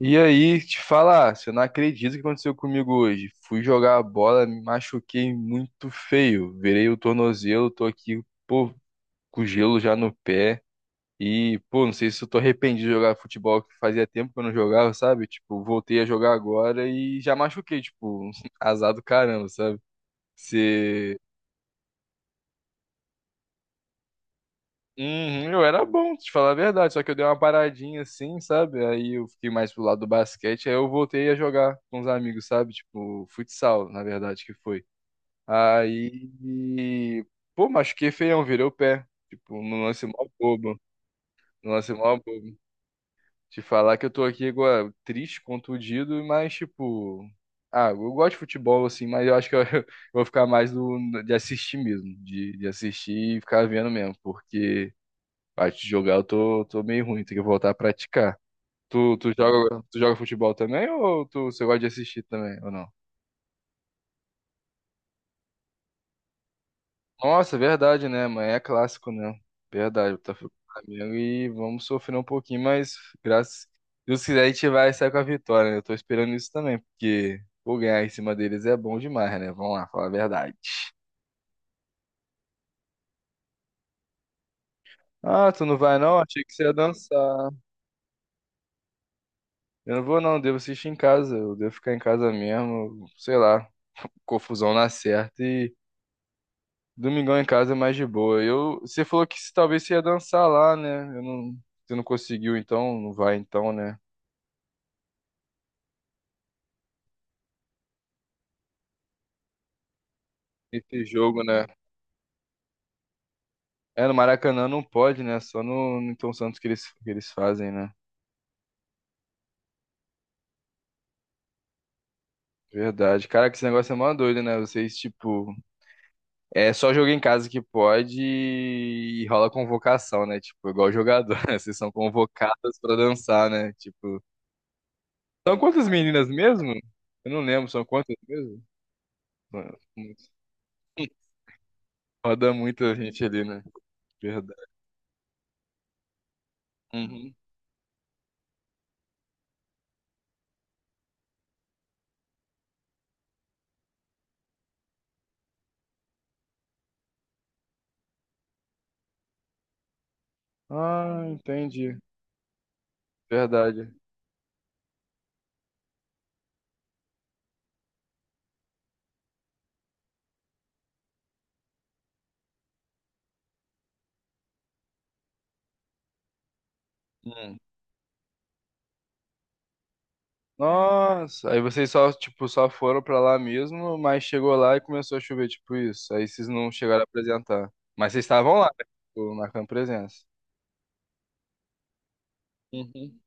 E aí, te falar, você não acredita o que aconteceu comigo hoje. Fui jogar a bola, me machuquei muito feio. Virei o tornozelo, tô aqui, pô, com gelo já no pé. E, pô, não sei se eu tô arrependido de jogar futebol, que fazia tempo que eu não jogava, sabe? Tipo, voltei a jogar agora e já machuquei, tipo, azar do caramba, sabe? Uhum, eu era bom, te falar a verdade, só que eu dei uma paradinha assim, sabe? Aí eu fiquei mais pro lado do basquete, aí eu voltei a jogar com os amigos, sabe? Tipo, futsal, na verdade, que foi. Aí, pô, machuquei feião, virei o pé. Tipo, no lance mó bobo, no lance mó bobo. Te falar que eu tô aqui agora triste, contundido, mas tipo... Ah, eu gosto de futebol, assim, mas eu acho que eu, eu vou ficar mais de assistir mesmo, de assistir e ficar vendo mesmo, porque... Parte de jogar eu tô meio ruim, tem que voltar a praticar. Tu joga futebol também ou você gosta de assistir também, ou não? Nossa, é verdade, né? Amanhã é clássico, né? Verdade, Botafogo e Flamengo e vamos sofrer um pouquinho, mas graças se Deus quiser a gente vai sair com a vitória, né? Eu tô esperando isso também, porque pô, ganhar em cima deles é bom demais, né? Vamos lá, falar a verdade. Ah, tu não vai não? Achei que você ia dançar. Eu não vou não, devo assistir em casa, eu devo ficar em casa mesmo, sei lá, confusão na certa e Domingão em casa é mais de boa. Eu, você falou que talvez você ia dançar lá, né? Eu não, você não conseguiu, então não vai, então, né? Esse jogo, né? É, no Maracanã não pode, né? Só no Newton Santos que eles fazem, né? Verdade. Cara, que esse negócio é mó doido, né? Vocês, tipo, é só jogo em casa que pode e rola convocação, né? Tipo, igual jogador, né? Vocês são convocadas pra dançar, né? Tipo, são quantas meninas mesmo? Eu não lembro, são quantas mesmo? Mano, Roda muita gente ali, né? Verdade. Uhum. Ah, entendi. Verdade. Hum. Nossa, aí vocês só, tipo, só foram pra lá mesmo, mas chegou lá e começou a chover, tipo isso. Aí vocês não chegaram a apresentar. Mas vocês estavam lá, né? Tipo, marcando presença. Uhum.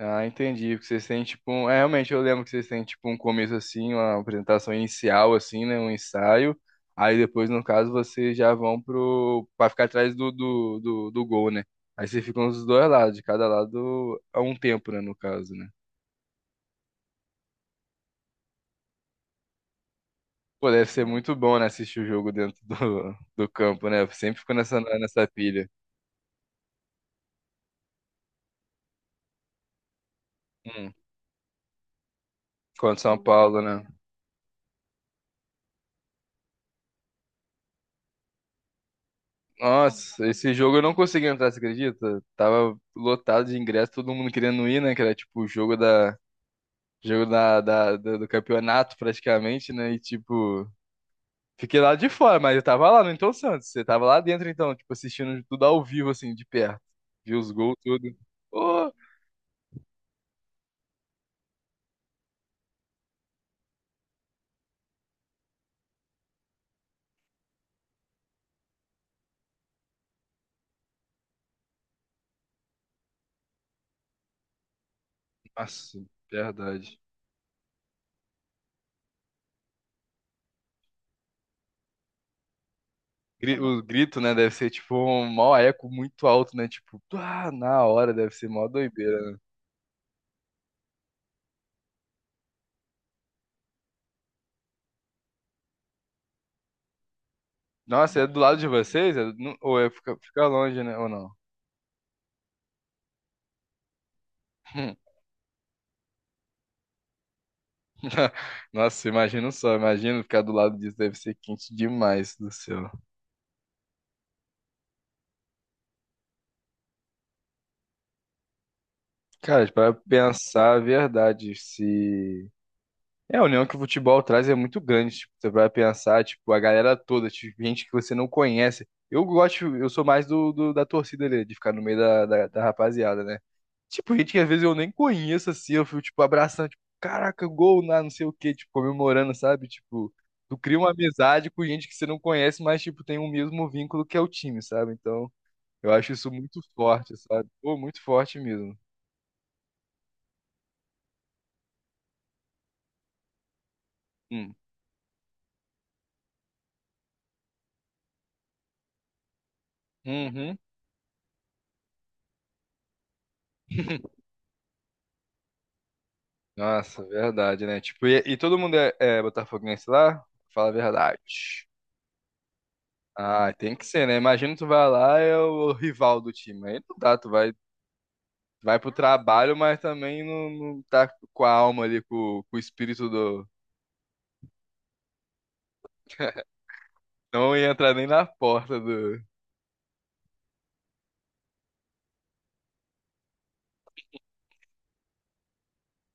Ah, entendi. Porque vocês têm tipo um... É, realmente eu lembro que vocês têm tipo um começo assim, uma apresentação inicial assim, né, um ensaio. Aí depois, no caso, vocês já vão pro para ficar atrás do gol, né? Aí vocês ficam dos dois lados, de cada lado a um tempo, né, no caso, né? Pô, deve ser muito bom, né, assistir o jogo dentro do campo, né? Eu sempre fico nessa pilha. Hum. Contra o São Paulo, né? Nossa, esse jogo eu não consegui entrar, você acredita? Tava lotado de ingresso, todo mundo querendo ir, né? Que era tipo o jogo da do campeonato praticamente, né? E tipo, fiquei lá de fora, mas eu tava lá no Então Santos. Você tava lá dentro então, tipo, assistindo tudo ao vivo, assim, de perto. Vi os gols, tudo. Ô, nossa, verdade. O grito, né, deve ser tipo um maior eco muito alto, né? Tipo, ah, na hora deve ser mó doideira. Nossa, é do lado de vocês? É no- ou é ficar fica longe, né? Ou não? Nossa, imagina só, imagina ficar do lado disso, deve ser quente demais do céu. Cara, para pensar a verdade, se é a união que o futebol traz é muito grande, tipo, você vai pensar, tipo, a galera toda, tipo, gente que você não conhece. Eu gosto, eu sou mais da torcida ali, de ficar no meio da rapaziada, né? Tipo, gente que às vezes eu nem conheço assim, eu fico tipo abraçando, tipo, caraca, gol na não sei o quê, tipo, comemorando, sabe? Tipo, tu cria uma amizade com gente que você não conhece, mas tipo, tem o mesmo vínculo que é o time, sabe? Então, eu acho isso muito forte, sabe? Pô, muito forte mesmo. Hum. Uhum. Nossa, verdade, né? Tipo, e todo mundo é botafoguense lá? Fala a verdade. Ah, tem que ser, né? Imagina tu vai lá, é o rival do time. Aí não dá, tu vai, vai pro trabalho, mas também não, não tá com a alma ali, com o espírito do. Não ia entrar nem na porta do.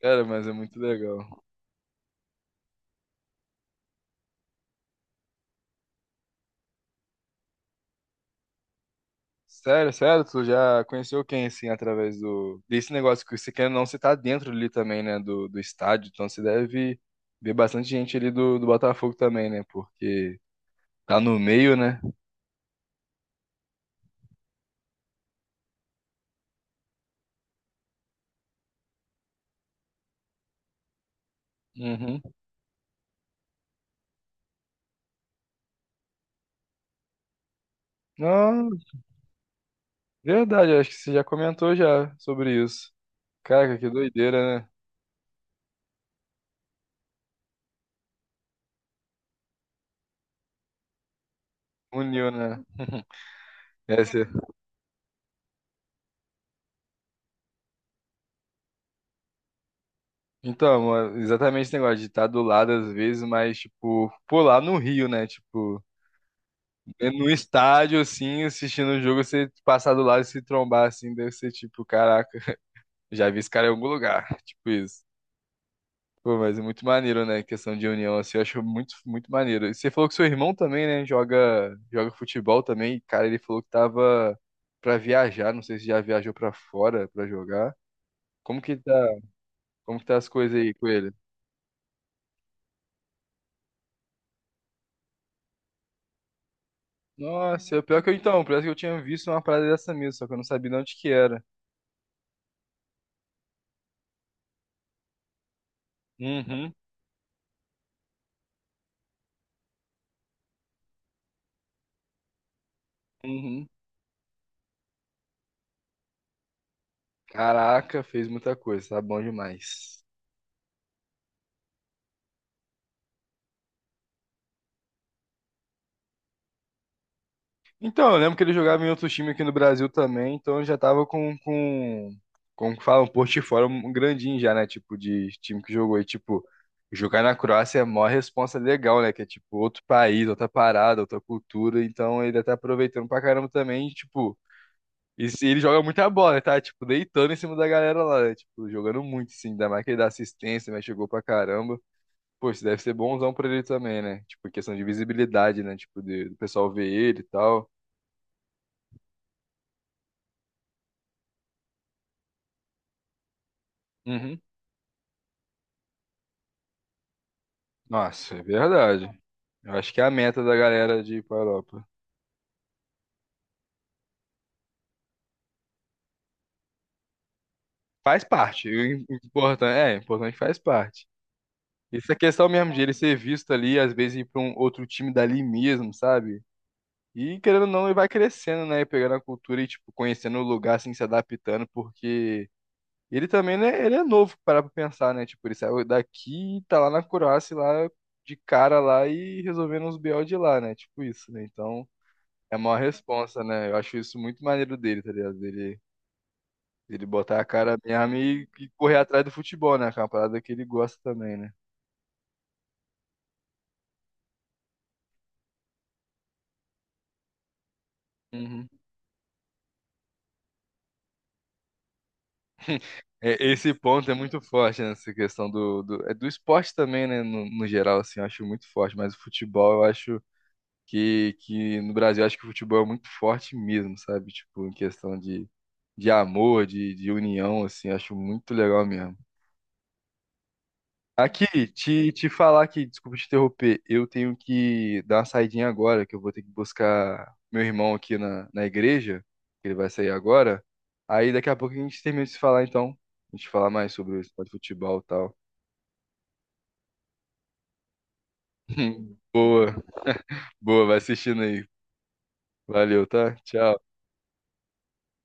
Cara, mas é muito legal. Sério, sério, tu já conheceu quem, assim, através do... desse negócio que você quer ou não, você tá dentro ali também, né, do estádio, então você deve ver bastante gente ali do Botafogo também, né, porque tá no meio, né? Uhum. Não, verdade, acho que você já comentou já sobre isso. Caraca, que doideira, né? Uniu, né? Essa... Então, mano, exatamente esse negócio de estar do lado às vezes, mas, tipo, pô, lá no Rio, né, tipo... É, no estádio, assim, assistindo o jogo, você passar do lado e se trombar, assim, deve ser tipo, caraca, já vi esse cara em algum lugar, tipo isso. Pô, mas é muito maneiro, né? Questão de união, assim, eu acho muito, muito maneiro. E você falou que seu irmão também, né, joga, joga futebol também. Cara, ele falou que tava pra viajar, não sei se já viajou pra fora pra jogar. Como que tá, como que tá as coisas aí com ele? Nossa, é pior que eu então, parece que eu tinha visto uma parada dessa mesmo, só que eu não sabia de onde que era. Uhum, uhum. Caraca, fez muita coisa, tá bom demais. Então, eu lembro que ele jogava em outro time aqui no Brasil também, então ele já tava com, como que fala, um portfólio grandinho já, né? Tipo, de time que jogou. E, tipo, jogar na Croácia é a maior responsa legal, né? Que é, tipo, outro país, outra parada, outra cultura. Então, ele tá aproveitando pra caramba também, e, tipo... E ele joga muita bola, né, tá? Tipo, deitando em cima da galera lá, né? Tipo, jogando muito, assim. Ainda mais que ele dá assistência, mas chegou pra caramba. Pô, isso deve ser bonzão pra ele também, né? Tipo, questão de visibilidade, né? Tipo, do pessoal ver ele e tal. Uhum. Nossa, é verdade. Eu acho que é a meta da galera de ir pra Europa. Faz parte. O importante é que faz parte. Essa questão mesmo de ele ser visto ali, às vezes ir pra um outro time dali mesmo, sabe? E querendo ou não, ele vai crescendo, né? Pegando a cultura e, tipo, conhecendo o lugar, assim, se adaptando, porque. E ele também, né, ele é novo, para pensar, né? Tipo, ele saiu daqui, tá lá na Croácia, lá de cara lá e resolvendo uns BO de lá, né? Tipo isso, né? Então, é uma responsa, né? Eu acho isso muito maneiro dele, tá ligado? Ele botar a cara mesmo e correr atrás do futebol, né? Que é uma parada que ele gosta também, né? Uhum. É, esse ponto é muito forte nessa questão do esporte também, né? No, no geral, assim, eu acho muito forte, mas o futebol eu acho que no Brasil acho que o futebol é muito forte mesmo, sabe? Tipo, em questão de amor, de união, assim, acho muito legal mesmo. Aqui, te falar que, desculpa te interromper, eu tenho que dar uma saidinha agora, que eu vou ter que buscar meu irmão aqui na igreja, que ele vai sair agora. Aí daqui a pouco a gente termina de se falar, então. A gente falar mais sobre o esporte de futebol e tal. Boa, boa, vai assistindo aí. Valeu, tá? Tchau.